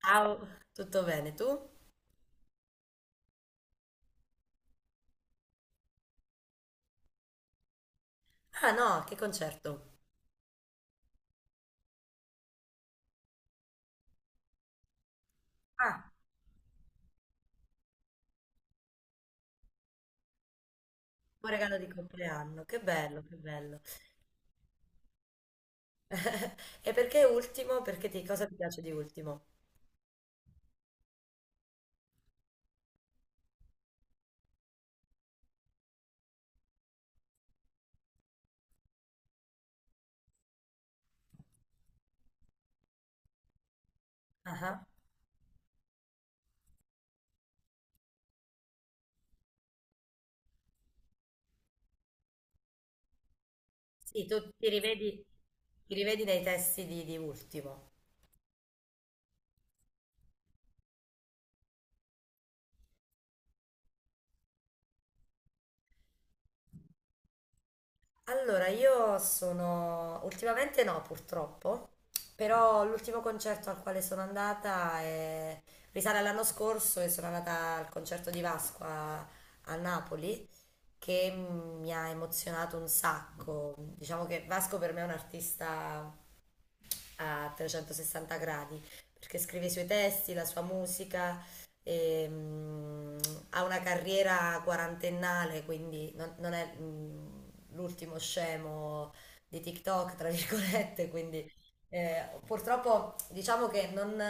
Ciao, tutto bene tu? Ah no, che concerto? Ah, un regalo di compleanno, che bello, che bello. E perché ultimo? Cosa ti piace di ultimo? Ah, ah. Sì, tu ti rivedi nei testi di ultimo. Allora, ultimamente no, purtroppo, però l'ultimo concerto al quale sono andata risale all'anno scorso, e sono andata al concerto di Vasco a Napoli, che mi ha emozionato un sacco. Diciamo che Vasco per me è un artista a 360 gradi, perché scrive i suoi testi, la sua musica, e ha una carriera quarantennale, quindi non è l'ultimo scemo di TikTok, tra virgolette, quindi purtroppo diciamo che non...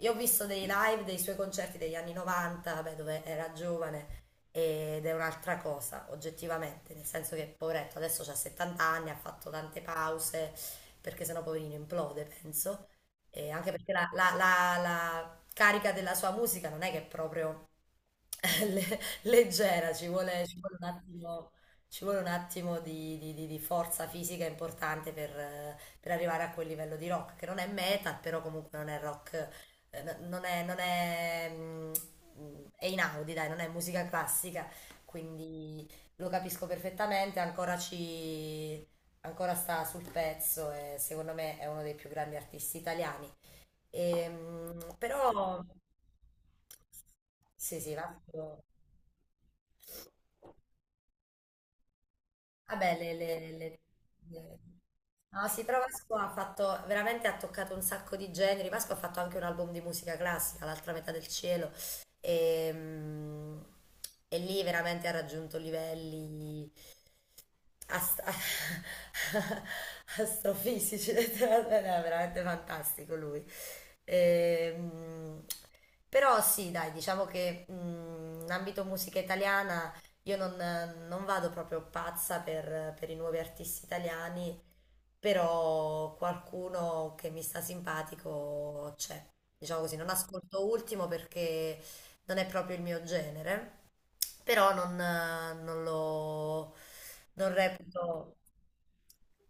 Io ho visto dei live dei suoi concerti degli anni 90, vabbè, dove era giovane, ed è un'altra cosa, oggettivamente, nel senso che, poveretto, adesso ha 70 anni, ha fatto tante pause, perché sennò poverino implode, penso. E anche perché la carica della sua musica non è che è proprio leggera, ci vuole un attimo, ci vuole un attimo di forza fisica importante per per arrivare a quel livello di rock, che non è metal, però comunque non è rock, non è, dai, non è musica classica, quindi lo capisco perfettamente. Ancora sta sul pezzo e secondo me è uno dei più grandi artisti italiani. Però sì, sì, Vasco. Vabbè, le- no, sì, però Vasco veramente ha toccato un sacco di generi. Vasco ha fatto anche un album di musica classica, L'altra metà del cielo. Ehm, E lì veramente ha raggiunto livelli Ast- astrofisici, letteralmente, no, è veramente fantastico lui. Ehm, Però sì, dai, diciamo che in ambito musica italiana io non vado proprio pazza per i nuovi artisti italiani, però qualcuno che mi sta simpatico c'è. Diciamo così, non ascolto Ultimo perché non è proprio il mio genere, però non lo non reputo.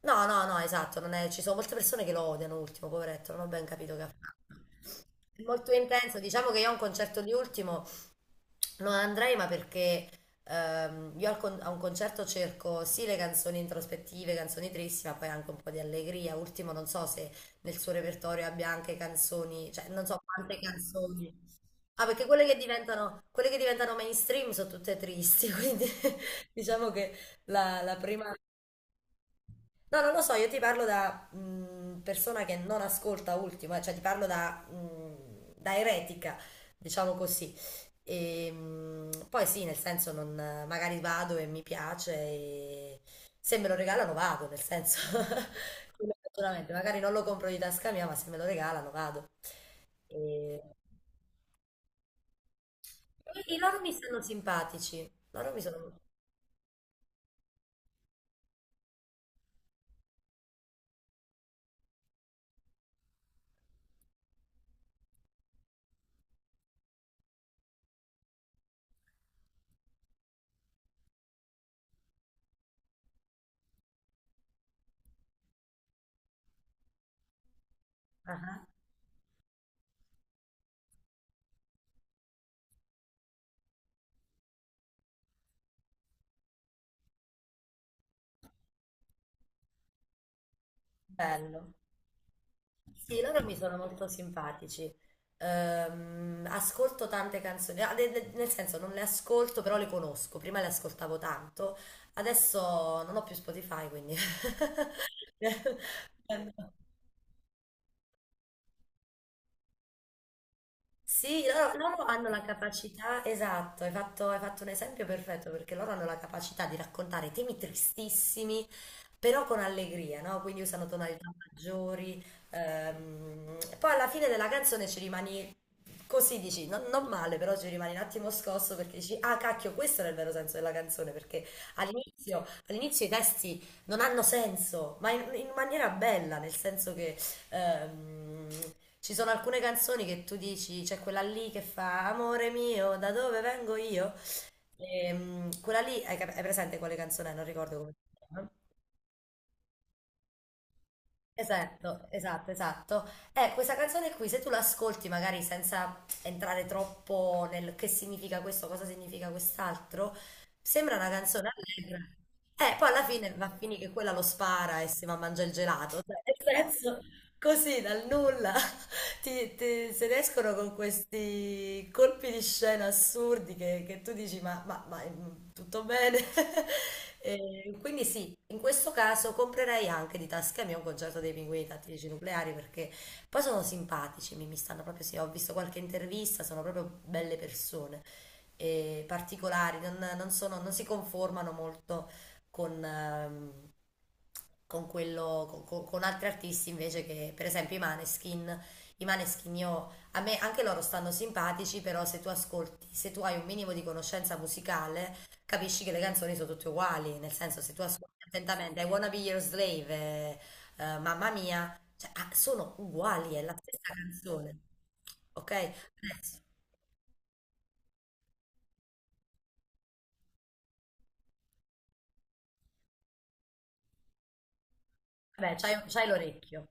No, no, no, esatto, non è- ci sono molte persone che lo odiano Ultimo, poveretto, non ho ben capito che ha fatto. È molto intenso, diciamo che io a un concerto di Ultimo, no, andrei, ma perché io a un concerto cerco sì le canzoni introspettive, canzoni tristi, ma poi anche un po' di allegria. Ultimo, non so se nel suo repertorio abbia anche canzoni, cioè non so quante canzoni. Ah, perché quelle che diventano mainstream sono tutte tristi, quindi diciamo che la, la prima no, non lo so, io ti parlo da persona che non ascolta Ultimo, cioè ti parlo da eretica, diciamo così. E poi sì, nel senso, non, magari vado e mi piace, e se me lo regalano vado, nel senso, quello sicuramente, magari non lo compro di tasca mia, ma se me lo regalano vado. E, e loro mi stanno simpatici, loro mi sono... Ah, bello. Sì, loro mi sono molto simpatici. Ascolto tante canzoni, ah, nel senso non le ascolto, però le conosco. Prima le ascoltavo tanto, adesso non ho più Spotify, quindi... Sì, loro hanno la capacità, esatto, hai fatto un esempio perfetto perché loro hanno la capacità di raccontare temi tristissimi, però con allegria, no? Quindi usano tonalità maggiori. E poi alla fine della canzone ci rimani, così dici, non male, però ci rimani un attimo scosso perché dici, ah cacchio, questo era il vero senso della canzone, perché all'inizio i testi non hanno senso, ma in maniera bella, nel senso che ehm, ci sono alcune canzoni che tu dici, c'è quella lì che fa, amore mio, da dove vengo io? Quella lì, hai presente quale canzone? È? Non ricordo come si chiama. Esatto, esatto, esatto. Questa canzone qui, se tu l'ascolti magari senza entrare troppo nel che significa questo, cosa significa quest'altro, sembra una canzone allegra. Poi alla fine va a finire che quella lo spara e si va a mangiare il gelato, cioè, nel senso, così dal nulla. Se ne escono con questi colpi di scena assurdi che, tu dici ma, tutto bene? E quindi sì, in questo caso comprerei anche di tasca mia un concerto dei Pinguini Tattici Nucleari perché poi sono simpatici, mi stanno proprio, sì, ho visto qualche intervista, sono proprio belle persone, e particolari, non sono- non si conformano molto con, ehm, con quello, con altri artisti invece che, per esempio, i Maneskin. I Maneskin io, a me anche loro stanno simpatici, però se tu ascolti, se tu hai un minimo di conoscenza musicale, capisci che le canzoni sono tutte uguali, nel senso se tu ascolti attentamente I Wanna Be Your Slave, Mamma Mia, cioè, ah, sono uguali, è la stessa canzone. Ok? Adesso, vabbè, c'hai l'orecchio.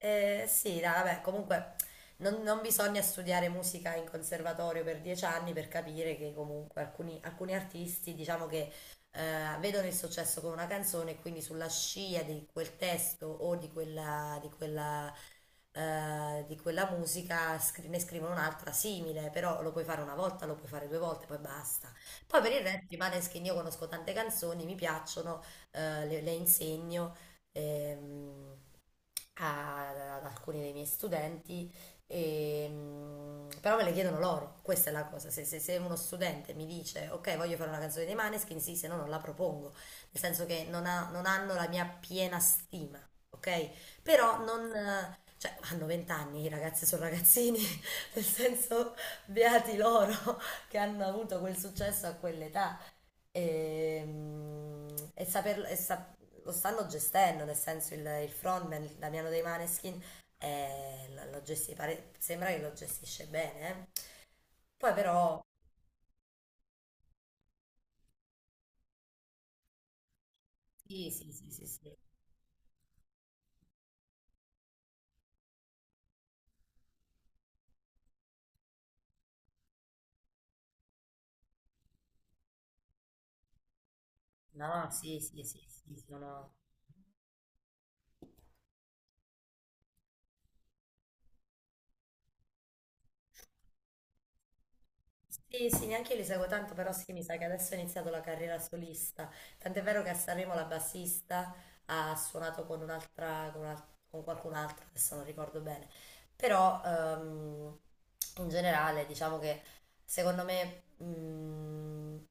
Sì, dai, vabbè, comunque non bisogna studiare musica in conservatorio per 10 anni per capire che comunque alcuni artisti, diciamo che vedono il successo con una canzone e quindi sulla scia di quel testo o di quella musica ne scrivono un'altra simile, però lo puoi fare una volta, lo puoi fare due volte, poi basta. Poi per il resto, Maneskin, io conosco tante canzoni, mi piacciono, le insegno. Ehm, Ad alcuni dei miei studenti, e però me le chiedono loro, questa è la cosa. Se uno studente mi dice ok, voglio fare una canzone dei Maneskin, sì, se no non la propongo, nel senso che non hanno la mia piena stima, ok? Però non... cioè, hanno 20 anni, i ragazzi sono ragazzini, nel senso, beati loro che hanno avuto quel successo a quell'età e, e saperlo, lo stanno gestendo, nel senso il frontman, il Damiano dei Maneskin, sembra che lo gestisce bene. Poi però, sì, sì, sì, sì, sì. No, sì, sì, sì, sì, sono... Sì, sì, neanche io li seguo tanto, però sì, mi sa che adesso ha iniziato la carriera solista. Tant'è vero che a Sanremo la bassista ha suonato con un'altra, con qualcun altro, adesso non ricordo bene. Però in generale diciamo che secondo me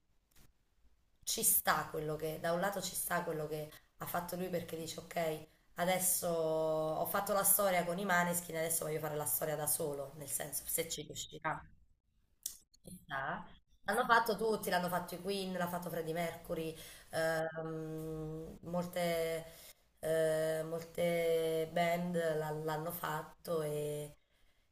ci sta da un lato ci sta quello che ha fatto lui perché dice ok, adesso ho fatto la storia con i Maneskin, adesso voglio fare la storia da solo, nel senso se ci riuscirà. Ah. L'hanno fatto tutti, l'hanno fatto i Queen, l'ha fatto Freddie Mercury, ehm, molte, molte band l'hanno fatto e,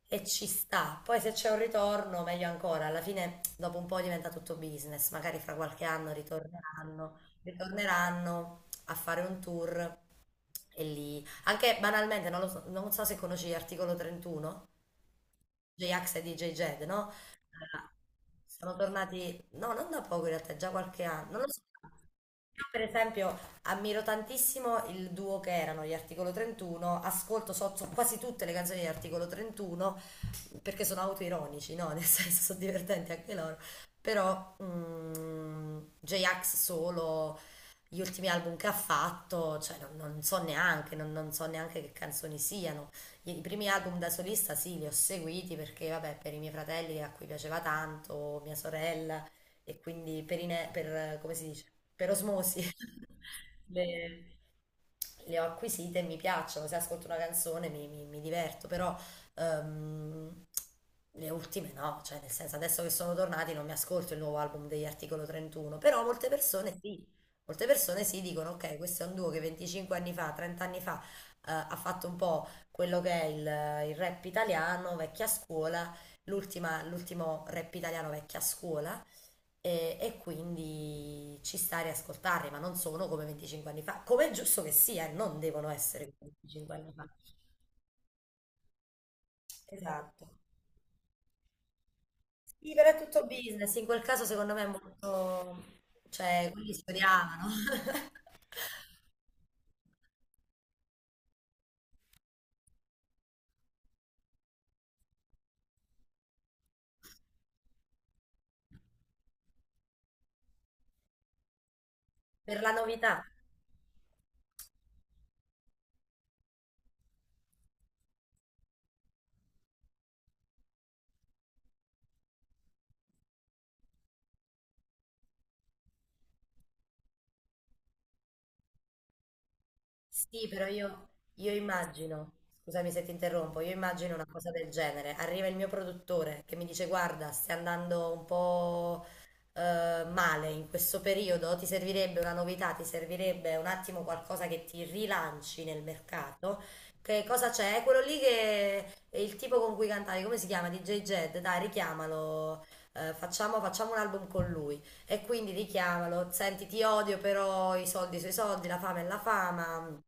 e ci sta. Poi se c'è un ritorno, meglio ancora, alla fine dopo un po' diventa tutto business, magari fra qualche anno ritorneranno, a fare un tour e lì. Anche banalmente, non lo so, non so se conosci l'articolo 31. J-Ax e DJ Jed, no? Sono tornati, no, non da poco in realtà, già qualche anno. Non lo so. Io, per esempio, ammiro tantissimo il duo che erano gli Articolo 31, ascolto so quasi tutte le canzoni di Articolo 31 perché sono autoironici, no? Nel senso, sono divertenti anche loro. Però J-Ax solo, gli ultimi album che ha fatto, cioè non so neanche, non so neanche che canzoni siano. I primi album da solista sì, li ho seguiti perché, vabbè, per i miei fratelli a cui piaceva tanto, mia sorella, e quindi come si dice, per osmosi, le- le ho acquisite e mi piacciono, se ascolto una canzone mi diverto, però ehm, le ultime no, cioè nel senso adesso che sono tornati non mi ascolto il nuovo album degli Articolo 31, però molte persone sì dicono ok, questo è un duo che 25 anni fa, 30 anni fa, ha fatto un po' quello che è il rap italiano, vecchia scuola, l'ultimo rap italiano vecchia scuola, e quindi ci sta a riascoltarli, ma non sono come 25 anni fa, come è giusto che sia, non devono essere come 25 anni fa. Esatto. Sì, però è tutto business, in quel caso secondo me è molto... Cioè, quelli studiavano per la novità. Sì, però io immagino, scusami se ti interrompo, io immagino una cosa del genere. Arriva il mio produttore che mi dice: guarda, stai andando un po' male in questo periodo, ti servirebbe una novità, ti servirebbe un attimo qualcosa che ti rilanci nel mercato. Che cosa c'è? È quello lì che è il tipo con cui cantavi, come si chiama? DJ Jed, dai, richiamalo, facciamo un album con lui. E quindi richiamalo, senti, ti odio, però i soldi sui soldi, la fame è la fama.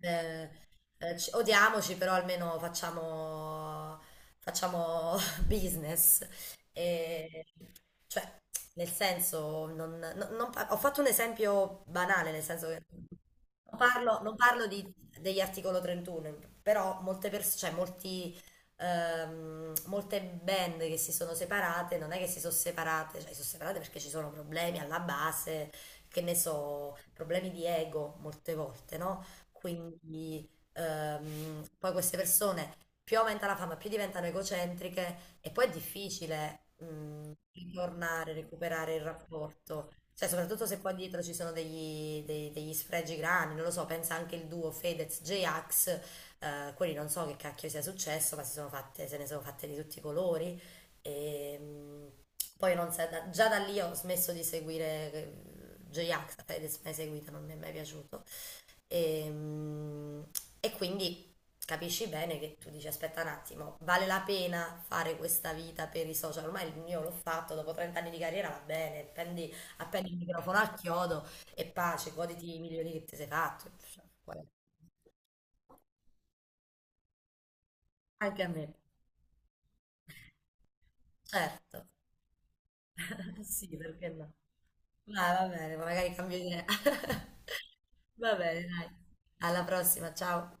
Eh, odiamoci, però almeno facciamo business. E, cioè, nel senso, non- non- non par- ho fatto un esempio banale, nel senso che non parlo degli articolo 31, però molte persone, cioè molti molte band che si sono separate, non è che si sono separate, cioè si sono separate perché ci sono problemi alla base, che ne so, problemi di ego molte volte, no? Quindi poi queste persone più aumenta la fama, più diventano egocentriche e poi è difficile ritornare, recuperare il rapporto. Cioè, soprattutto se qua dietro ci sono degli sfregi grandi, non lo so, pensa anche il duo Fedez-J-Ax, quelli non so che cacchio sia successo, ma si sono fatte, se ne sono fatte di tutti i colori. E, poi non sa- da- già da lì ho smesso di seguire J-Ax, l'ho mai seguita, non mi è mai piaciuto. E, mm, e quindi capisci bene che tu dici, aspetta un attimo, vale la pena fare questa vita per i social? Ormai il mio l'ho fatto, dopo 30 anni di carriera va bene, prendi, appendi il microfono al chiodo e pace, goditi i milioni che ti sei fatto. Cioè, qual è? Anche a me. Certo, sì, perché no? Dai, va bene, ma magari cambio idea. Va bene, dai. Alla prossima, ciao.